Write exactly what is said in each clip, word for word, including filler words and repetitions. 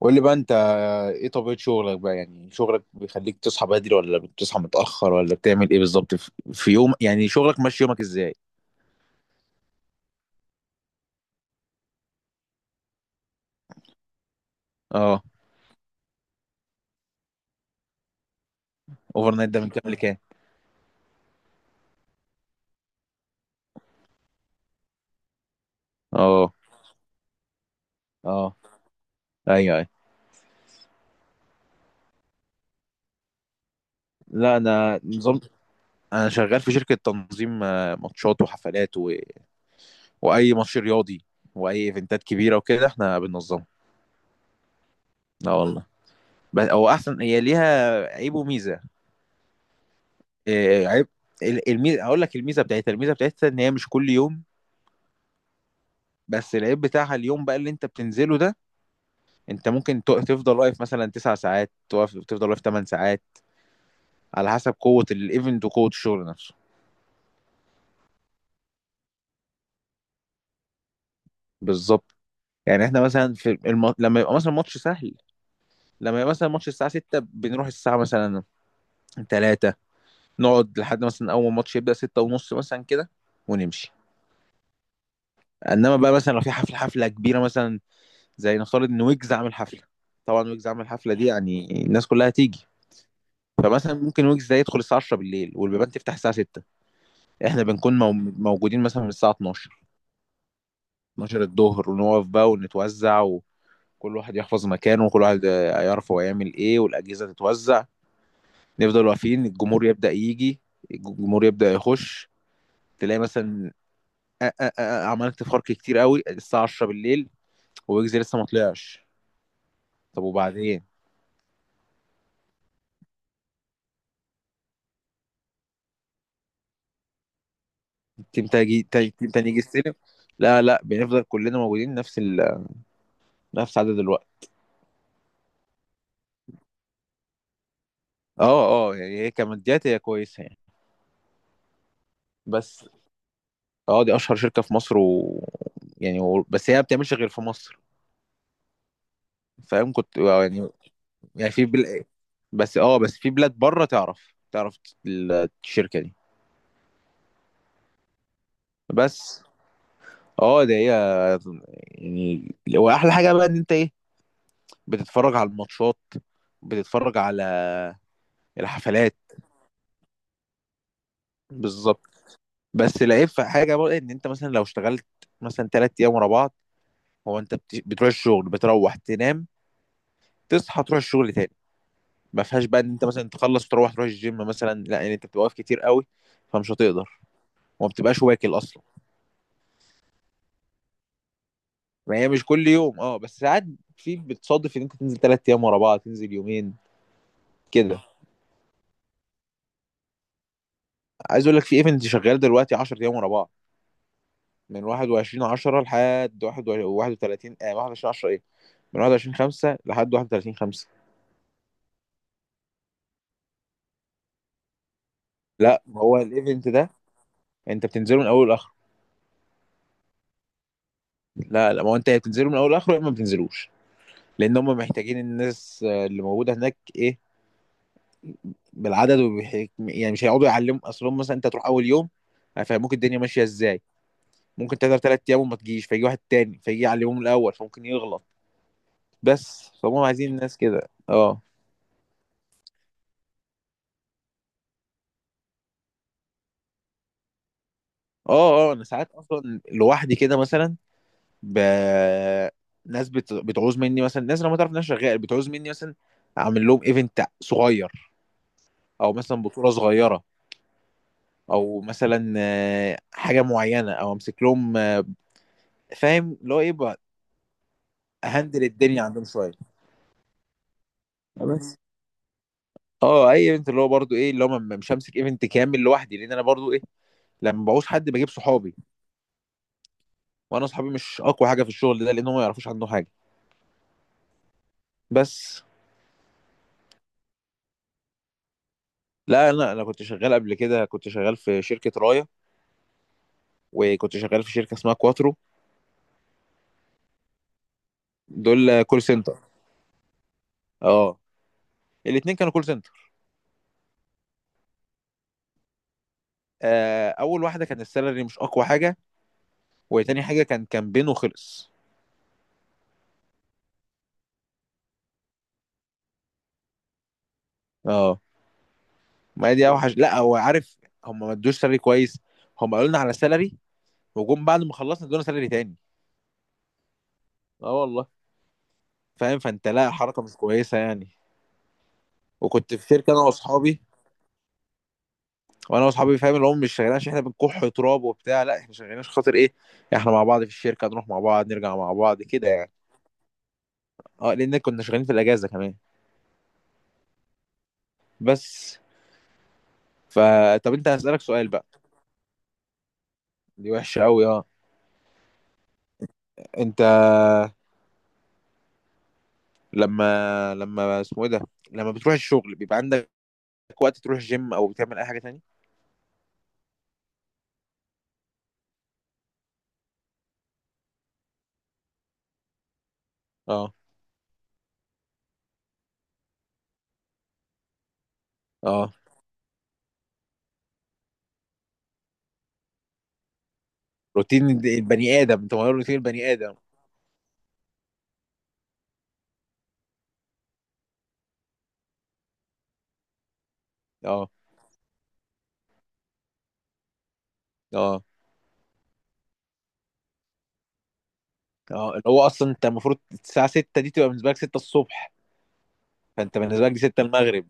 قول لي بقى انت، ايه طبيعة شغلك بقى؟ يعني شغلك بيخليك تصحى بدري، ولا بتصحى متأخر، ولا بتعمل ايه بالظبط في في يوم؟ يعني شغلك ماشي، يومك ازاي؟ اه. اوفر نايت ده من كام لكام؟ اه. اه. ايوه، ايوه. لا، انا نظام. انا شغال في شركة تنظيم آه، ماتشات وحفلات و... واي ماتش رياضي، واي ايفنتات كبيرة وكده احنا بننظمها. لا والله. بس او احسن، هي ليها عيب وميزة. إيه عيب. ال- الميزة هقول لك، الميزة بتاعتها الميزة بتاعتها ان هي مش كل يوم. بس العيب بتاعها اليوم بقى اللي انت بتنزله ده. انت ممكن تق- تفضل واقف مثلا تسع ساعات، توقف تفضل واقف تمن ساعات، على حسب قوة الايفنت وقوة الشغل نفسه. بالظبط. يعني احنا مثلا في الم... لما يبقى مثلا ماتش سهل، لما يبقى مثلا ماتش الساعة ستة بنروح الساعة مثلا تلاتة، نقعد لحد مثلا أول ما الماتش يبدأ ستة ونص مثلا كده ونمشي. انما بقى مثلا لو في حفله حفله كبيره مثلا، زي نفترض ان ويجز عامل حفله. طبعا ويجز عامل حفله دي يعني الناس كلها هتيجي. فمثلا ممكن ويجز ده يدخل الساعه عشرة بالليل والبيبان تفتح الساعه ستة، احنا بنكون مو- موجودين مثلا من الساعة اتناشر اتناشر الظهر، ونقف بقى ونتوزع، وكل واحد يحفظ مكانه، وكل واحد آه، يعرف هو يعمل ايه، والأجهزة تتوزع. نفضل واقفين، الجمهور يبدأ يجي، الجمهور يبدأ يخش. تلاقي مثلا أ- أ- أ- عملت فرق كتير قوي الساعة عشرة بالليل، ويجزي لسه ما طلعش. طب وبعدين؟ التيم تاني التيم تاني يجي يستلم. لا، لا، بنفضل كلنا موجودين نفس ال... نفس عدد الوقت. اه. اه، يعني هي كماديات، هي كويسة يعني. بس. اه، دي اشهر شركه في مصر و... يعني و... بس هي ما بتعملش غير في مصر. فاهم كنت يعني. يعني في بل... بس اه بس في بلاد بره، تعرف، تعرف ال- الشركه دي. بس. اه، ده هي يعني، واحلى حاجه بقى ان انت ايه، بتتفرج على الماتشات، بتتفرج على الحفلات. بالظبط. بس العيب في حاجه بقى ان انت مثلا لو اشتغلت مثلا ثلاث ايام ورا بعض، هو انت بت... بتروح الشغل، بتروح تنام، تصحى تروح الشغل تاني. ما فيهاش بقى ان انت مثلا تخلص وتروح تروح الجيم مثلا، لا يعني انت بتبقى واقف كتير قوي، فمش هتقدر، وما بتبقاش واكل اصلا. ما هي مش كل يوم اه، بس ساعات في بتصادف ان انت تنزل ثلاث ايام ورا بعض، تنزل يومين، كده. عايز اقول لك في ايفنت شغال دلوقتي عشرة ايام ورا بعض، من واحد وعشرين عشرة لحد واحد وتلاتين آه واحد وعشرين عشرة ايه، من واحد وعشرين خمسة لحد واحد وثلاثين خمسة. لا ما هو الايفنت ده، انت بتنزله من اول لاخره. لا، لا، ما هو انت يا بتنزله من اول لاخره، يا اما ما بتنزلوش. لان هم محتاجين الناس آه، اللي موجوده هناك ايه، بالعدد وبحك... يعني مش هيقعدوا يعلموا اصلهم، مثلا انت هتروح اول يوم هيفهموك الدنيا ماشيه ازاي. ممكن تقدر ثلاث ايام وما تجيش فيجي واحد تاني فيجي يعلمهم الاول فممكن يغلط. بس فهم عايزين الناس كده، اه اه. اه، انا ساعات اصلا لوحدي كده، مثلا ب... ناس بت... بتعوز مني، مثلا ناس انا ما تعرف، ناس شغال بتعوز مني مثلا اعمل لهم ايفنت صغير، او مثلا بطوله صغيره، او مثلا آه، حاجه معينه، او امسك لهم آه، فاهم اللي هو ايه بقى، هندل الدنيا عندهم شويه. بس. اه، اي ايفنت اللي هو برضو ايه، اللي هو ما- مش همسك ايفنت كامل لوحدي لان انا برضو ايه، لما بعوز حد بجيب صحابي. وانا صحابي مش اقوى حاجه في الشغل ده لان هم ما يعرفوش عنه حاجه. بس. لا، انا انا كنت شغال قبل كده، كنت شغال في شركه رايا، وكنت شغال في شركه اسمها كواترو. دول كول سنتر. اه، الاتنين كانوا كول سنتر. آه اول واحده كان السالري مش اقوى حاجه، وتاني حاجه كان كامبين وخلص. اه، ما هي دي اوحش، لا هو عارف. هم ما ادوش سالري كويس، هم قالوا لنا على سالري، وجم بعد ما خلصنا ادونا سالري تاني. اه والله. فاهم، فانت لا حركه مش كويسه يعني. وكنت في شركه انا واصحابي، وانا واصحابي فاهم اللي هم مش شغالين عشان احنا بنكح تراب وبتاع، لا احنا شغالين عشان خاطر ايه، احنا مع بعض في الشركه، نروح مع بعض، نرجع مع بعض كده يعني. اه لان كنا شغالين في الاجازه كمان. بس. فطب انت هسألك سؤال بقى. دي وحشه قوي اه. انت لما، لما اسمه ايه ده، لما بتروح الشغل بيبقى عندك وقت تروح الجيم او بتعمل اي حاجه تاني؟ اه. اه، روتين البني ادم، انت مغير روتين البني ادم. اه. اه. اه، اللي هو اصلا انت المفروض الساعه ستة دي تبقى بالنسبه لك ستة الصبح، فانت بالنسبه لك دي ستة المغرب.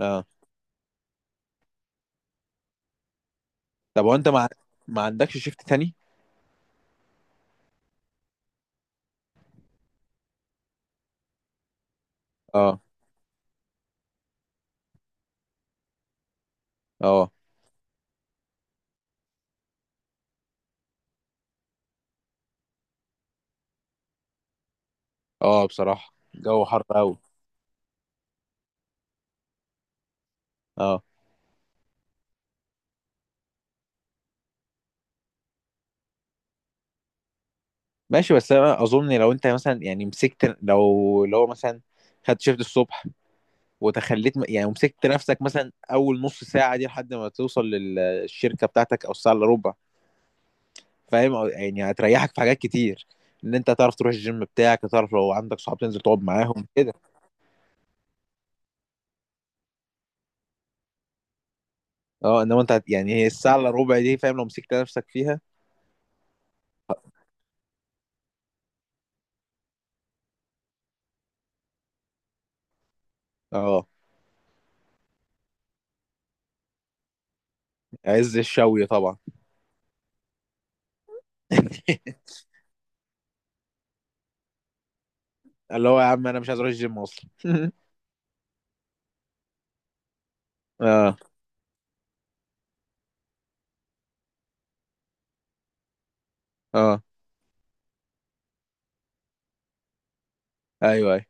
اه، طب وانت ما، ما عندكش شيفت تاني؟ اه. اه. اه، بصراحه الجو حر قوي. اه. ماشي، بس انا اظن لو انت مثلا يعني مسكت، لو لو مثلا خدت شيفت الصبح، وتخليت م- يعني ومسكت نفسك مثلا اول نص ساعه دي لحد ما توصل للشركه بتاعتك او الساعه الا ربع، فاهم، أو- يعني هتريحك في حاجات كتير، ان انت تعرف تروح الجيم بتاعك، تعرف لو عندك صحاب تنزل تقعد معاهم. اه، انما انت هت- يعني هي الساعه الا ربع دي فاهم لو مسكت نفسك فيها. اه، عز الشوي طبعا. اللي هو يا عم انا مش عايز اروح الجيم اصلا. اه. اه. ايوه، ايوه.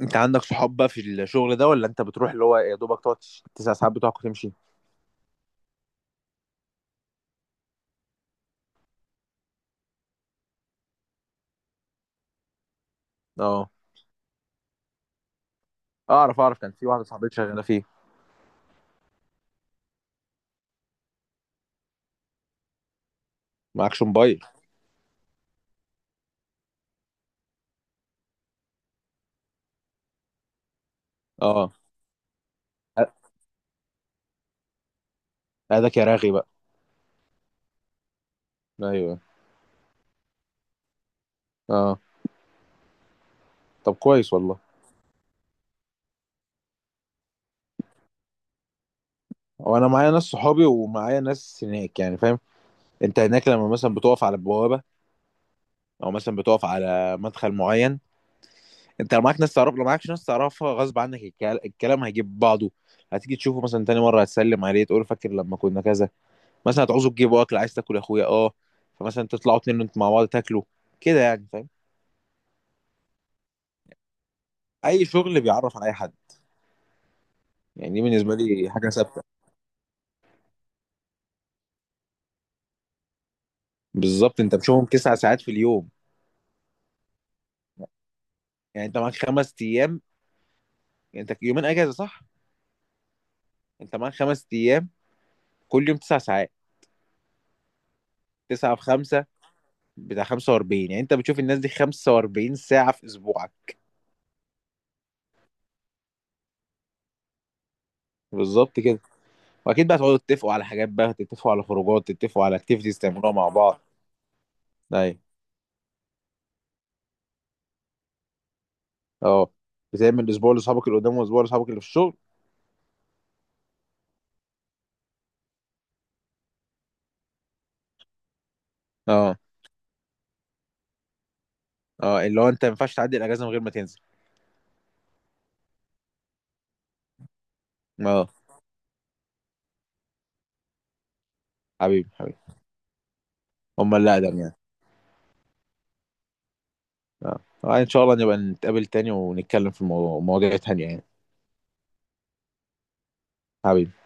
انت عندك صحاب بقى في الشغل ده، ولا انت بتروح اللي هو يا دوبك تقعد تسع ساعات بتوعك وتمشي؟ اه، اعرف اعرف، كان في واحده صاحبتي شغاله فيه. معكش موبايل؟ اه، هذاك يا راغي بقى. ايوه. اه، طب كويس والله. وانا معايا ناس صحابي ومعايا ناس هناك يعني، فاهم؟ انت هناك لما مثلا بتقف على البوابه، او مثلا بتقف على مدخل معين، انت لو معاك ناس تعرف، لو معاكش ناس تعرفها غصب عنك، الكلام, الكلام هيجيب بعضه. هتيجي تشوفه مثلا تاني مره هتسلم عليه، تقول فاكر لما كنا كذا مثلا، هتعوزه تجيبه اكل، عايز تاكل يا اخويا اه، فمثلا تطلعوا اتنين انتوا مع بعض تاكلوا كده يعني، فاهم. اي شغل بيعرف على اي حد. يعني دي بالنسبه لي حاجه ثابته. بالظبط انت بتشوفهم تسع ساعات في اليوم. يعني انت معاك خمس ايام، يعني انت يومين اجازه صح. انت معاك خمس ايام، كل يوم تسع ساعات، تسعة في خمسة بتاع خمسة واربعين. يعني انت بتشوف الناس دي خمسة واربعين ساعة في اسبوعك. بالظبط كده. واكيد بقى تقعدوا تتفقوا على حاجات بقى، تتفقوا على خروجات، تتفقوا على اكتيفيتيز تعملوها مع بعض. ايوه. اه. بتعمل اسبوع لاصحابك اللي قدام واسبوع لاصحابك اللي في الشغل. اه. اه، اللي هو انت ما ينفعش تعدي الاجازه من غير ما تنزل. اه. حبيبي، حبيبي. هم اللي اقدم يعني. اه، آه، ان شاء الله نبقى نتقابل تاني ونتكلم في الموضوع- مواضيع تانية يعني. حبيبي.